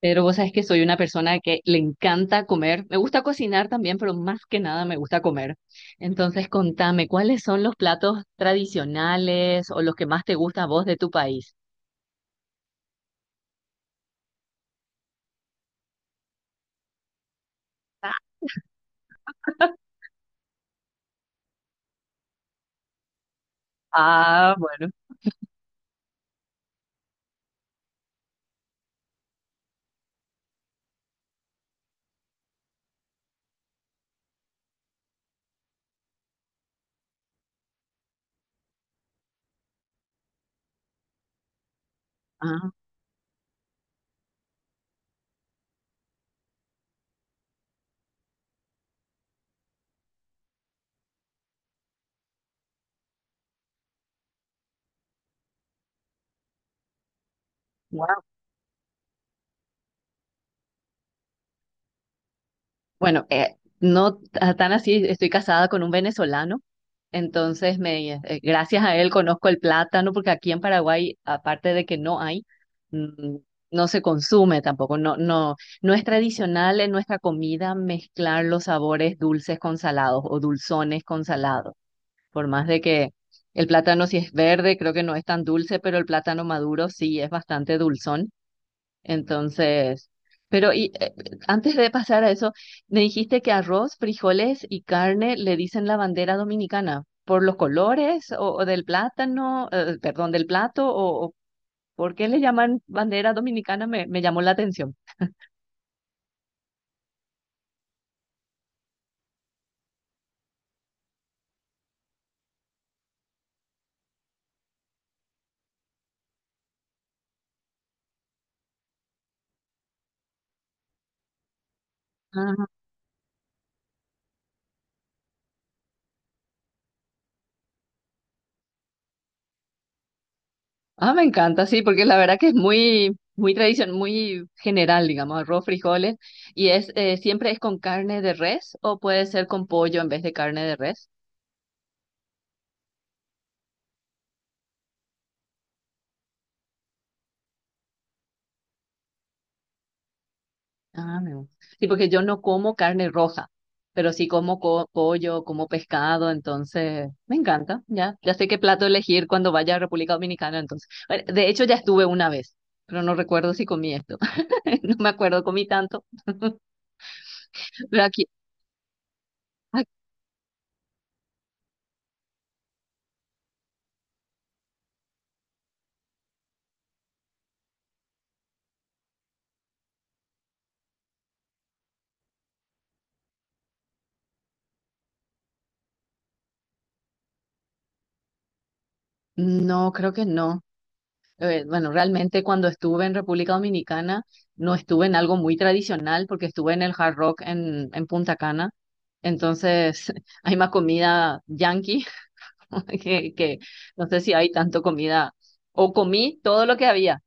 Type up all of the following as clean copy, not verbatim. Pero vos sabés que soy una persona que le encanta comer. Me gusta cocinar también, pero más que nada me gusta comer. Entonces, contame, ¿cuáles son los platos tradicionales o los que más te gusta a vos de tu país? Ah, bueno. Ah, guau. Bueno, no tan así, estoy casada con un venezolano. Entonces, gracias a él conozco el plátano, porque aquí en Paraguay, aparte de que no hay, mm, no se consume tampoco. No, no es tradicional en nuestra comida mezclar los sabores dulces con salados o dulzones con salados. Por más de que el plátano si es verde, creo que no es tan dulce, pero el plátano maduro sí es bastante dulzón. Entonces, pero y, eh, antes de pasar a eso, me dijiste que arroz, frijoles y carne le dicen la bandera dominicana por los colores o del plátano, perdón, del plato o por qué le llaman bandera dominicana, me llamó la atención. Ah, ah, me encanta, sí, porque la verdad que es muy, muy tradición, muy general, digamos, arroz, frijoles y es siempre es con carne de res o puede ser con pollo en vez de carne de res. Ah, me gusta. Sí, porque yo no como carne roja, pero sí como pollo, como pescado, entonces me encanta, ya. Ya sé qué plato elegir cuando vaya a República Dominicana, entonces. Bueno, de hecho, ya estuve una vez, pero no recuerdo si comí esto. No me acuerdo, comí tanto, pero aquí, ac- no, creo que no. Bueno, realmente cuando estuve en República Dominicana, no estuve en algo muy tradicional, porque estuve en el Hard Rock en Punta Cana, entonces hay más comida yankee que no sé si hay tanto comida, o comí todo lo que había,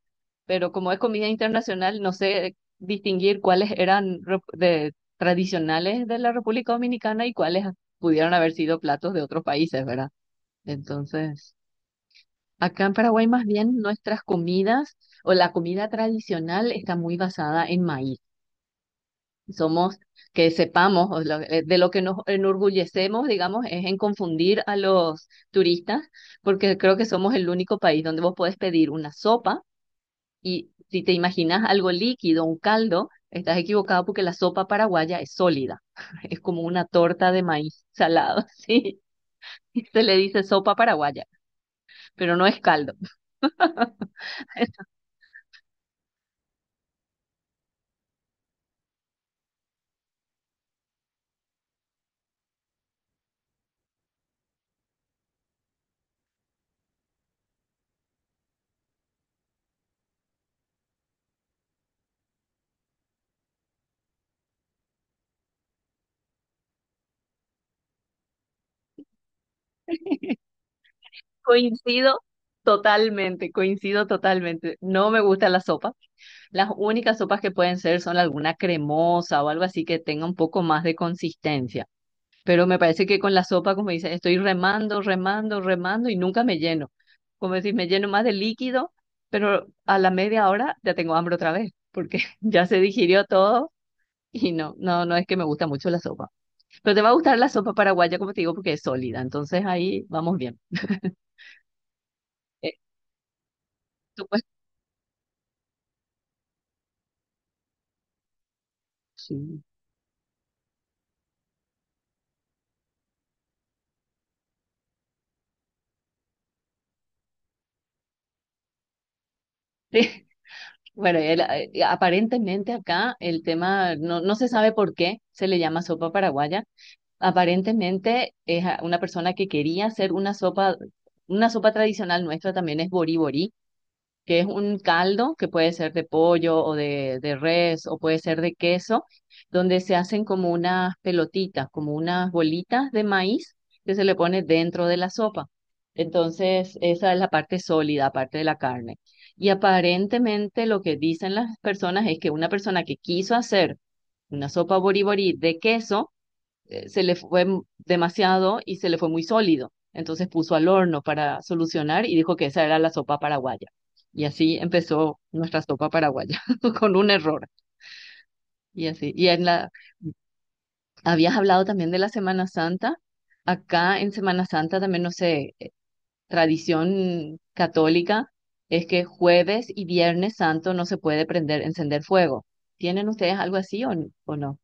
pero como es comida internacional, no sé distinguir cuáles eran tradicionales de la República Dominicana y cuáles pudieron haber sido platos de otros países, ¿verdad? Entonces, acá en Paraguay más bien nuestras comidas o la comida tradicional está muy basada en maíz somos, que sepamos, de lo que nos enorgullecemos, digamos, es en confundir a los turistas, porque creo que somos el único país donde vos podés pedir una sopa y si te imaginas algo líquido, un caldo, estás equivocado porque la sopa paraguaya es sólida, es como una torta de maíz salado, sí, se le dice sopa paraguaya, pero no es caldo. Coincido coincido totalmente, no me gusta la sopa. Las únicas sopas que pueden ser son alguna cremosa o algo así que tenga un poco más de consistencia. Pero me parece que con la sopa, como dices, estoy remando, remando, remando y nunca me lleno. Como decís, me lleno más de líquido, pero a la media hora ya tengo hambre otra vez, porque ya se digirió todo y no es que me gusta mucho la sopa. Pero te va a gustar la sopa paraguaya, como te digo, porque es sólida. Entonces ahí vamos bien. Eh, tú puedes- sí. Bueno, aparentemente acá el tema, no se sabe por qué se le llama sopa paraguaya. Aparentemente es una persona que quería hacer una sopa tradicional nuestra también es boriborí, que es un caldo que puede ser de pollo o de res o puede ser de queso, donde se hacen como unas pelotitas, como unas bolitas de maíz que se le pone dentro de la sopa. Entonces, esa es la parte sólida, aparte de la carne. Y aparentemente lo que dicen las personas es que una persona que quiso hacer una sopa boriborí de queso, se le fue demasiado y se le fue muy sólido. Entonces puso al horno para solucionar y dijo que esa era la sopa paraguaya. Y así empezó nuestra sopa paraguaya, con un error. Y así. Habías hablado también de la Semana Santa. Acá en Semana Santa también, no sé, tradición católica es que jueves y viernes santo no se puede prender, encender fuego. ¿Tienen ustedes algo así o no?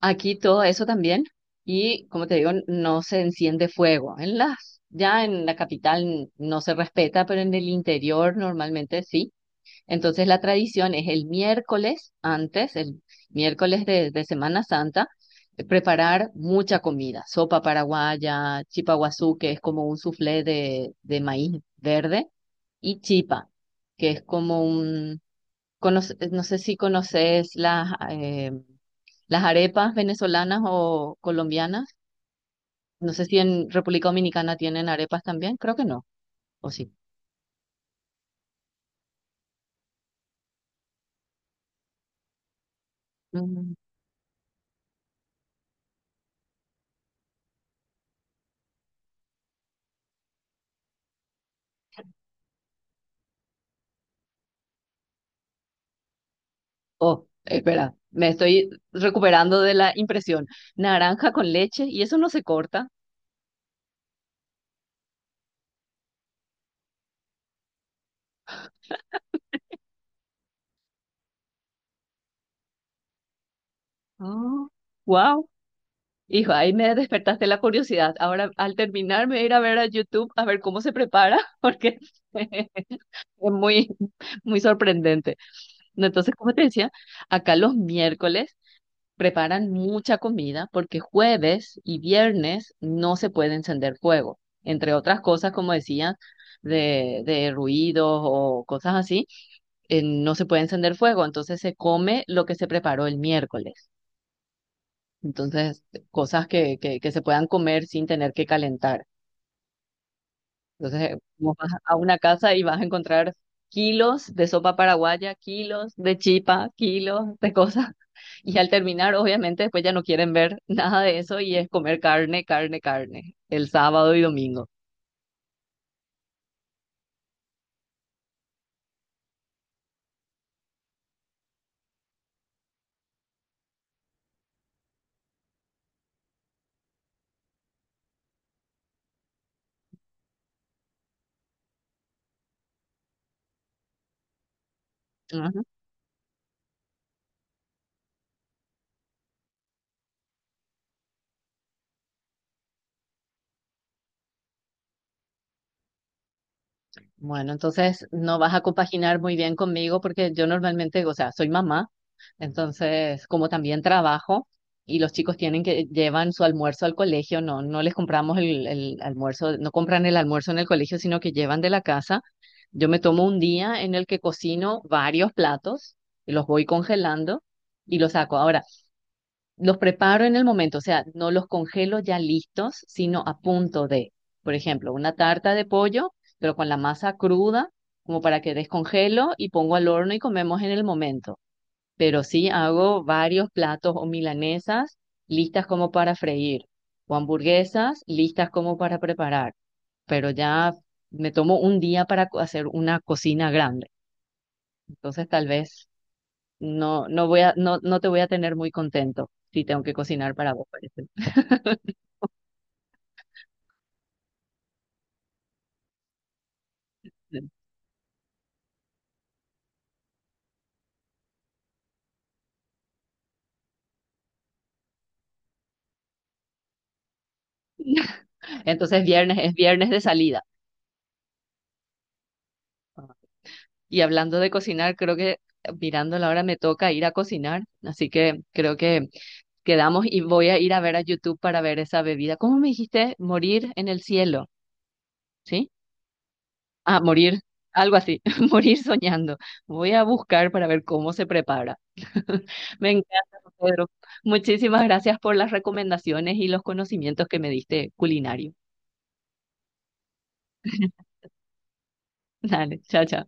Aquí todo eso también. Y como te digo, no se enciende fuego. En las, ya en la capital no se respeta, pero en el interior normalmente sí. Entonces la tradición es el miércoles antes, el miércoles de Semana Santa, preparar mucha comida. Sopa paraguaya, chipa guazú, que es como un soufflé de maíz verde, y chipa, que es como un... no sé si conoces las arepas venezolanas o colombianas, no sé si en República Dominicana tienen arepas también, creo que no, o sí. Mm. Oh, espera, me estoy recuperando de la impresión. Naranja con leche y eso no se corta. Oh, wow. Hijo, ahí me despertaste la curiosidad. Ahora, al terminar, me voy a ir a ver a YouTube a ver cómo se prepara, porque es muy, muy sorprendente. No, entonces, como te decía, acá los miércoles preparan mucha comida porque jueves y viernes no se puede encender fuego, entre otras cosas, como decía, de ruidos o cosas así, no se puede encender fuego, entonces se come lo que se preparó el miércoles. Entonces, cosas que se puedan comer sin tener que calentar. Entonces, vos vas a una casa y vas a encontrar kilos de sopa paraguaya, kilos de chipa, kilos de cosas. Y al terminar, obviamente, después ya no quieren ver nada de eso y es comer carne, carne, carne, el sábado y domingo. Bueno, entonces no vas a compaginar muy bien conmigo porque yo normalmente, o sea, soy mamá, entonces como también trabajo y los chicos tienen que llevan su almuerzo al colegio, no, no les compramos el almuerzo, no compran el almuerzo en el colegio, sino que llevan de la casa. Yo me tomo un día en el que cocino varios platos y los voy congelando y los saco. Ahora, los preparo en el momento, o sea, no los congelo ya listos, sino a punto de, por ejemplo, una tarta de pollo, pero con la masa cruda, como para que descongelo y pongo al horno y comemos en el momento. Pero sí hago varios platos o milanesas listas como para freír, o hamburguesas listas como para preparar. Pero ya me tomo un día para hacer una cocina grande. Entonces tal vez no te voy a tener muy contento si tengo que cocinar para vos. Entonces viernes es viernes de salida. Y hablando de cocinar, creo que mirando la hora me toca ir a cocinar, así que creo que quedamos y voy a ir a ver a YouTube para ver esa bebida. ¿Cómo me dijiste? Morir en el cielo, ¿sí? Ah, morir, algo así, morir soñando. Voy a buscar para ver cómo se prepara. Me encanta, Pedro. Muchísimas gracias por las recomendaciones y los conocimientos que me diste culinario. Dale, chao, chao.